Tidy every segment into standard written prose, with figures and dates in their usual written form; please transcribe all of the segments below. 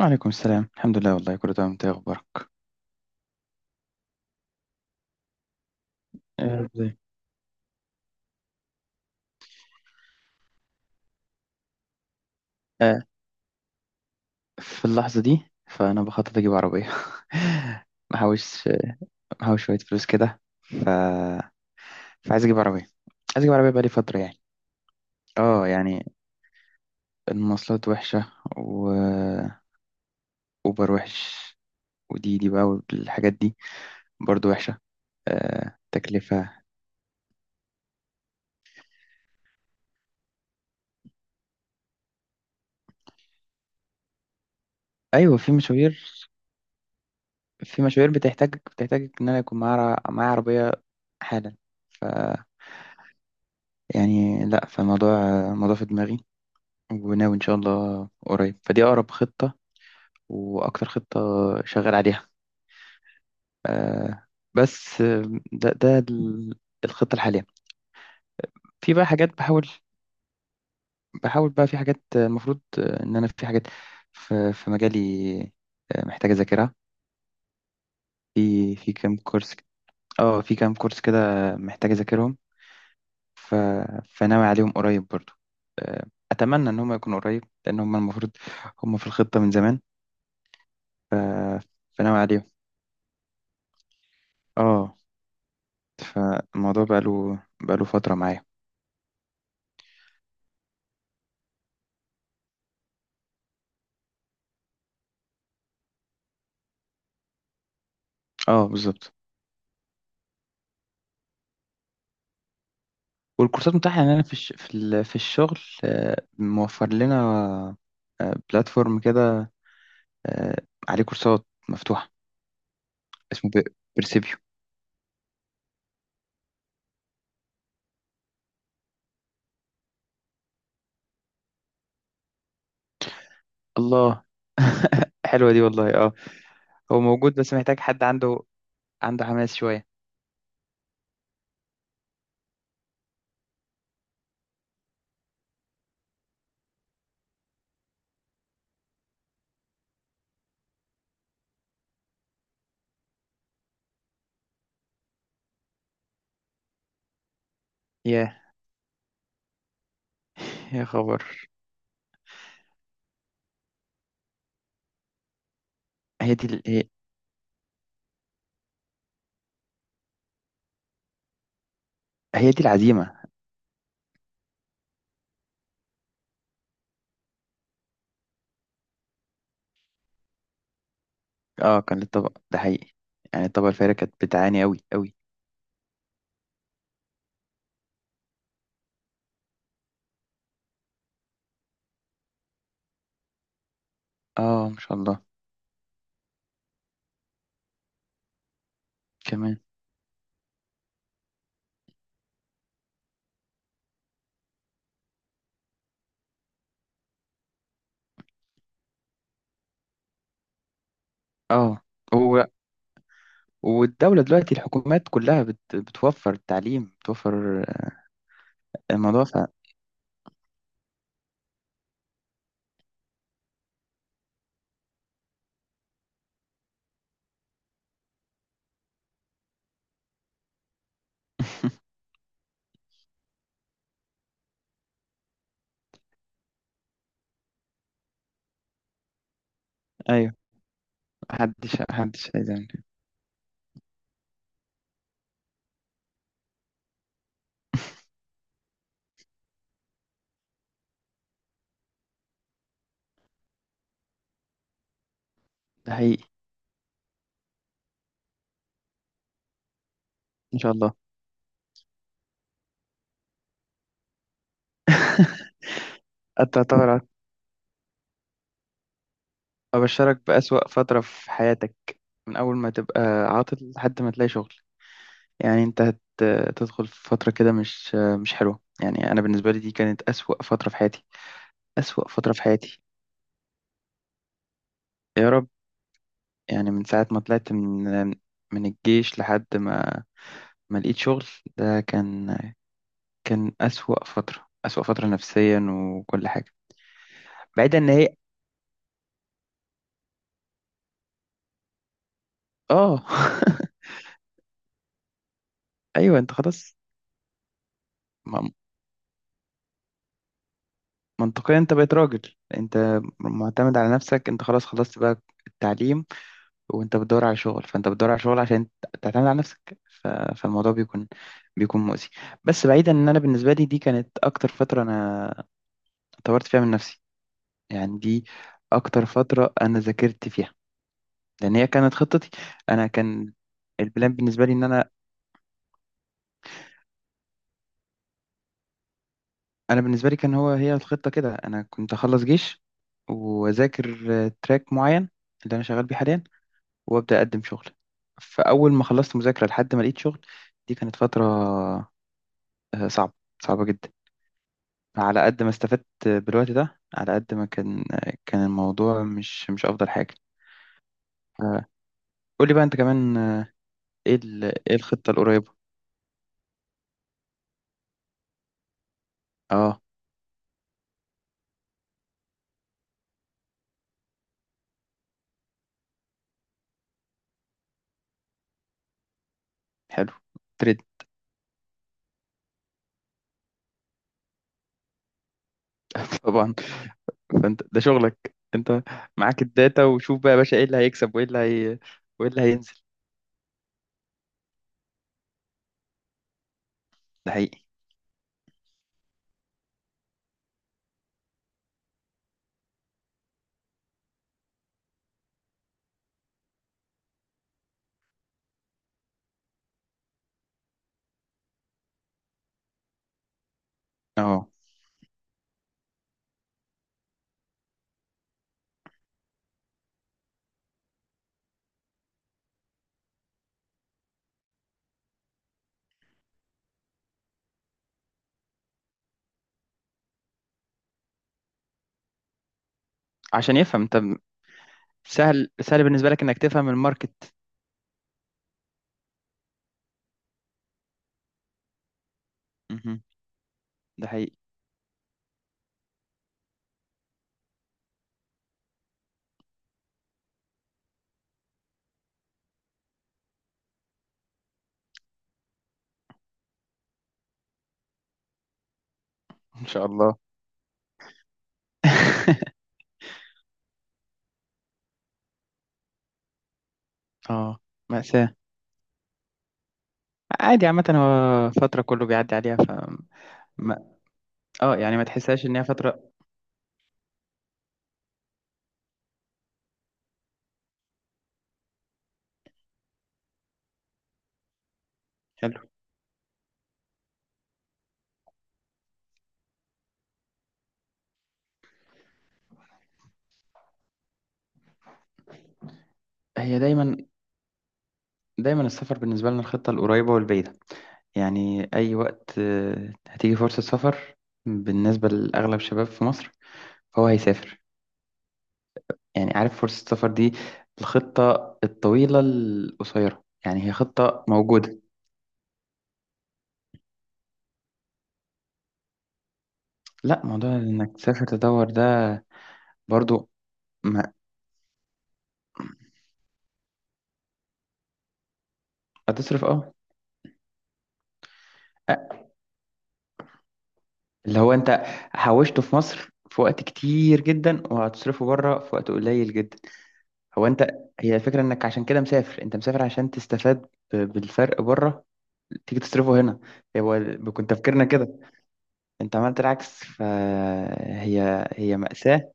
وعليكم السلام. الحمد لله، والله كله تمام. انت ايه اخبارك؟ آه، ازاي. آه، في اللحظة دي فأنا بخطط أجيب عربية. محوش محوش شوية فلوس كده فعايز أجيب عربية عايز أجيب عربية بقالي فترة يعني. اه يعني المواصلات وحشة، وأوبر وحش، ودي دي بقى والحاجات دي برضو وحشة. آه... تكلفة. أيوة، في مشاوير. في مشاوير بتحتاج إن أنا يكون معايا عربية حالا. يعني لا، فالموضوع، الموضوع في دماغي. وناوي إن شاء الله قريب، فدي أقرب خطة وأكتر خطة شغال عليها. آه بس ده ده ال- الخطة الحالية. في بقى حاجات بحاول بقى. في حاجات المفروض إن أنا في حاجات في مجالي محتاج أذاكرها. في كام كورس اه، في كام كورس كده محتاج أذاكرهم. ف فناوي عليهم قريب برضو. آه، أتمنى إن هم يكونوا قريب، لأن هم المفروض هم في الخطة من زمان. ف... فناوي عليهم. اه، فالموضوع بقاله فترة معايا. اه بالظبط. والكورسات متاحة، يعني أنا في الش... في ال... في الشغل موفر لنا بلاتفورم كده آه، عليه كورسات مفتوحة. اسمه بيرسيبيو. الله. حلوة دي والله. اه، هو موجود بس محتاج حد عنده حماس شوية. يا، يا خبر. هي دي ال- هي, هي دي العزيمة. اه كان للطبق ده حقيقي. يعني الطبقة الفارقة كانت بتعاني أوي أوي. اه ما شاء الله. كمان. اه. هو والدولة دلوقتي الحكومات كلها بت... بتوفر التعليم، بتوفر الموضوع ف... ايوه. محدش عايز يعمل كده. ده حقيقي. ان شاء الله. انت طبعا ابشرك بأسوأ فترة في حياتك. من اول ما تبقى عاطل لحد ما تلاقي شغل. يعني انت هت... تدخل في فترة كده مش حلوة. يعني انا بالنسبة لي دي كانت أسوأ فترة في حياتي. أسوأ فترة في حياتي، يا رب. يعني من ساعة ما طلعت من الجيش لحد ما لقيت شغل. ده كان أسوأ فترة، أسوأ فترة نفسيا وكل حاجة. بعيدا ان هي اه. ايوه انت خلاص. م- منطقيا انت بقيت راجل، انت معتمد على نفسك، انت خلاص خلصت بقى التعليم. وانت بتدور على شغل، فانت بتدور على شغل عشان تعتمد على نفسك. ف... فالموضوع بيكون، بيكون مؤذي. بس بعيدا ان انا بالنسبة لي دي كانت اكتر فترة انا طورت فيها من نفسي. يعني دي اكتر فترة انا ذاكرت فيها، لان هي كانت خطتي. انا كان البلان بالنسبة لي ان انا، انا بالنسبه لي كان هو هي الخطه كده. انا كنت اخلص جيش واذاكر تراك معين اللي انا شغال بيه حاليا، وابدا اقدم شغل. فاول ما خلصت مذاكره لحد ما لقيت شغل، دي كانت فتره صعبه، صعبه جدا. على قد ما استفدت بالوقت ده، على قد ما كان كان الموضوع مش افضل حاجه. آه، قول لي بقى انت كمان ايه ايه الخطه القريبه. اه، حلو. تريد. طبعا، فانت ده شغلك. انت معاك الداتا، وشوف بقى يا باشا ايه اللي هيكسب، وايه اللي هي... وايه اللي هينزل. ده حقيقي. اه. عشان يفهم انت، سهل سهل بالنسبة لك انك تفهم الماركت. مهم. ده حقيقي. ان شاء الله. اه، مأساة. عادي، عامة هو فترة كله بيعدي عليها. ما... اه يعني ما تحسهاش ان هي فترة. حلو. هي دايما، دايما السفر بالنسبة لنا الخطة القريبة والبعيدة. يعني أي وقت هتيجي فرصة سفر بالنسبة لأغلب شباب في مصر، فهو هيسافر. يعني عارف فرصة السفر دي، الخطة الطويلة القصيرة، يعني هي خطة موجودة. لا، موضوع انك تسافر تدور ده برضو ما. هتصرف اه. أ- اللي هو انت حوشته في مصر في وقت كتير جدا، وهتصرفه بره في وقت قليل جدا. هو انت، هي الفكرة انك عشان كده مسافر. انت مسافر عشان تستفاد بالفرق بره، تيجي تصرفه هنا. هو كنت تفكيرنا كده. انت عملت العكس، فهي مأساة.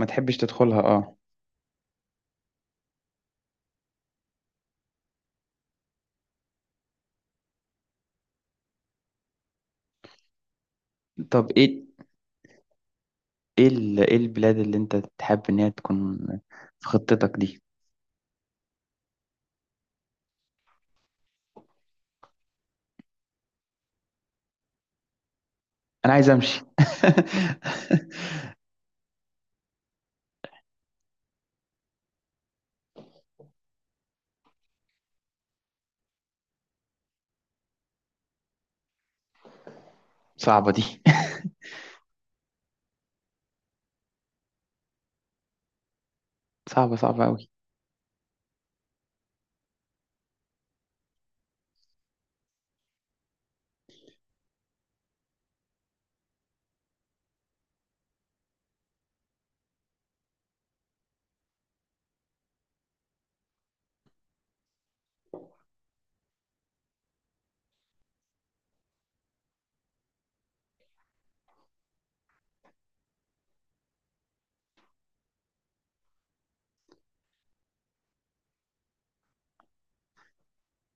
ما تحبش تدخلها اه. طب ايه، ايه ايه البلاد اللي انت تحب ان هي تكون في خطتك دي. انا عايز امشي. صعبة دي. صعبة صعبة قوي.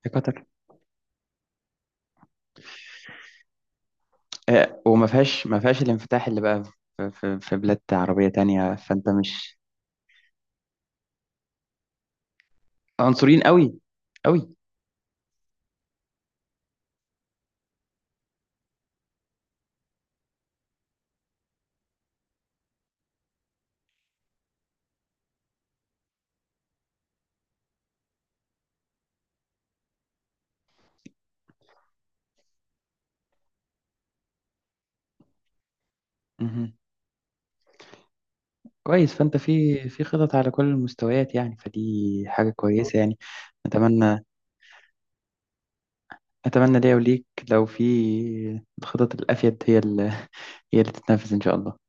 يا قطر. آه، وما فيهاش ما فيهاش الانفتاح اللي بقى في بلاد عربية تانية، فانت مش عنصريين قوي، قوي. مهم. كويس، فانت في خطط على كل المستويات، يعني فدي حاجة كويسة. يعني اتمنى، اتمنى ليا وليك لو في الخطط الافيد هي اللي، هي اللي تتنفذ ان شاء الله.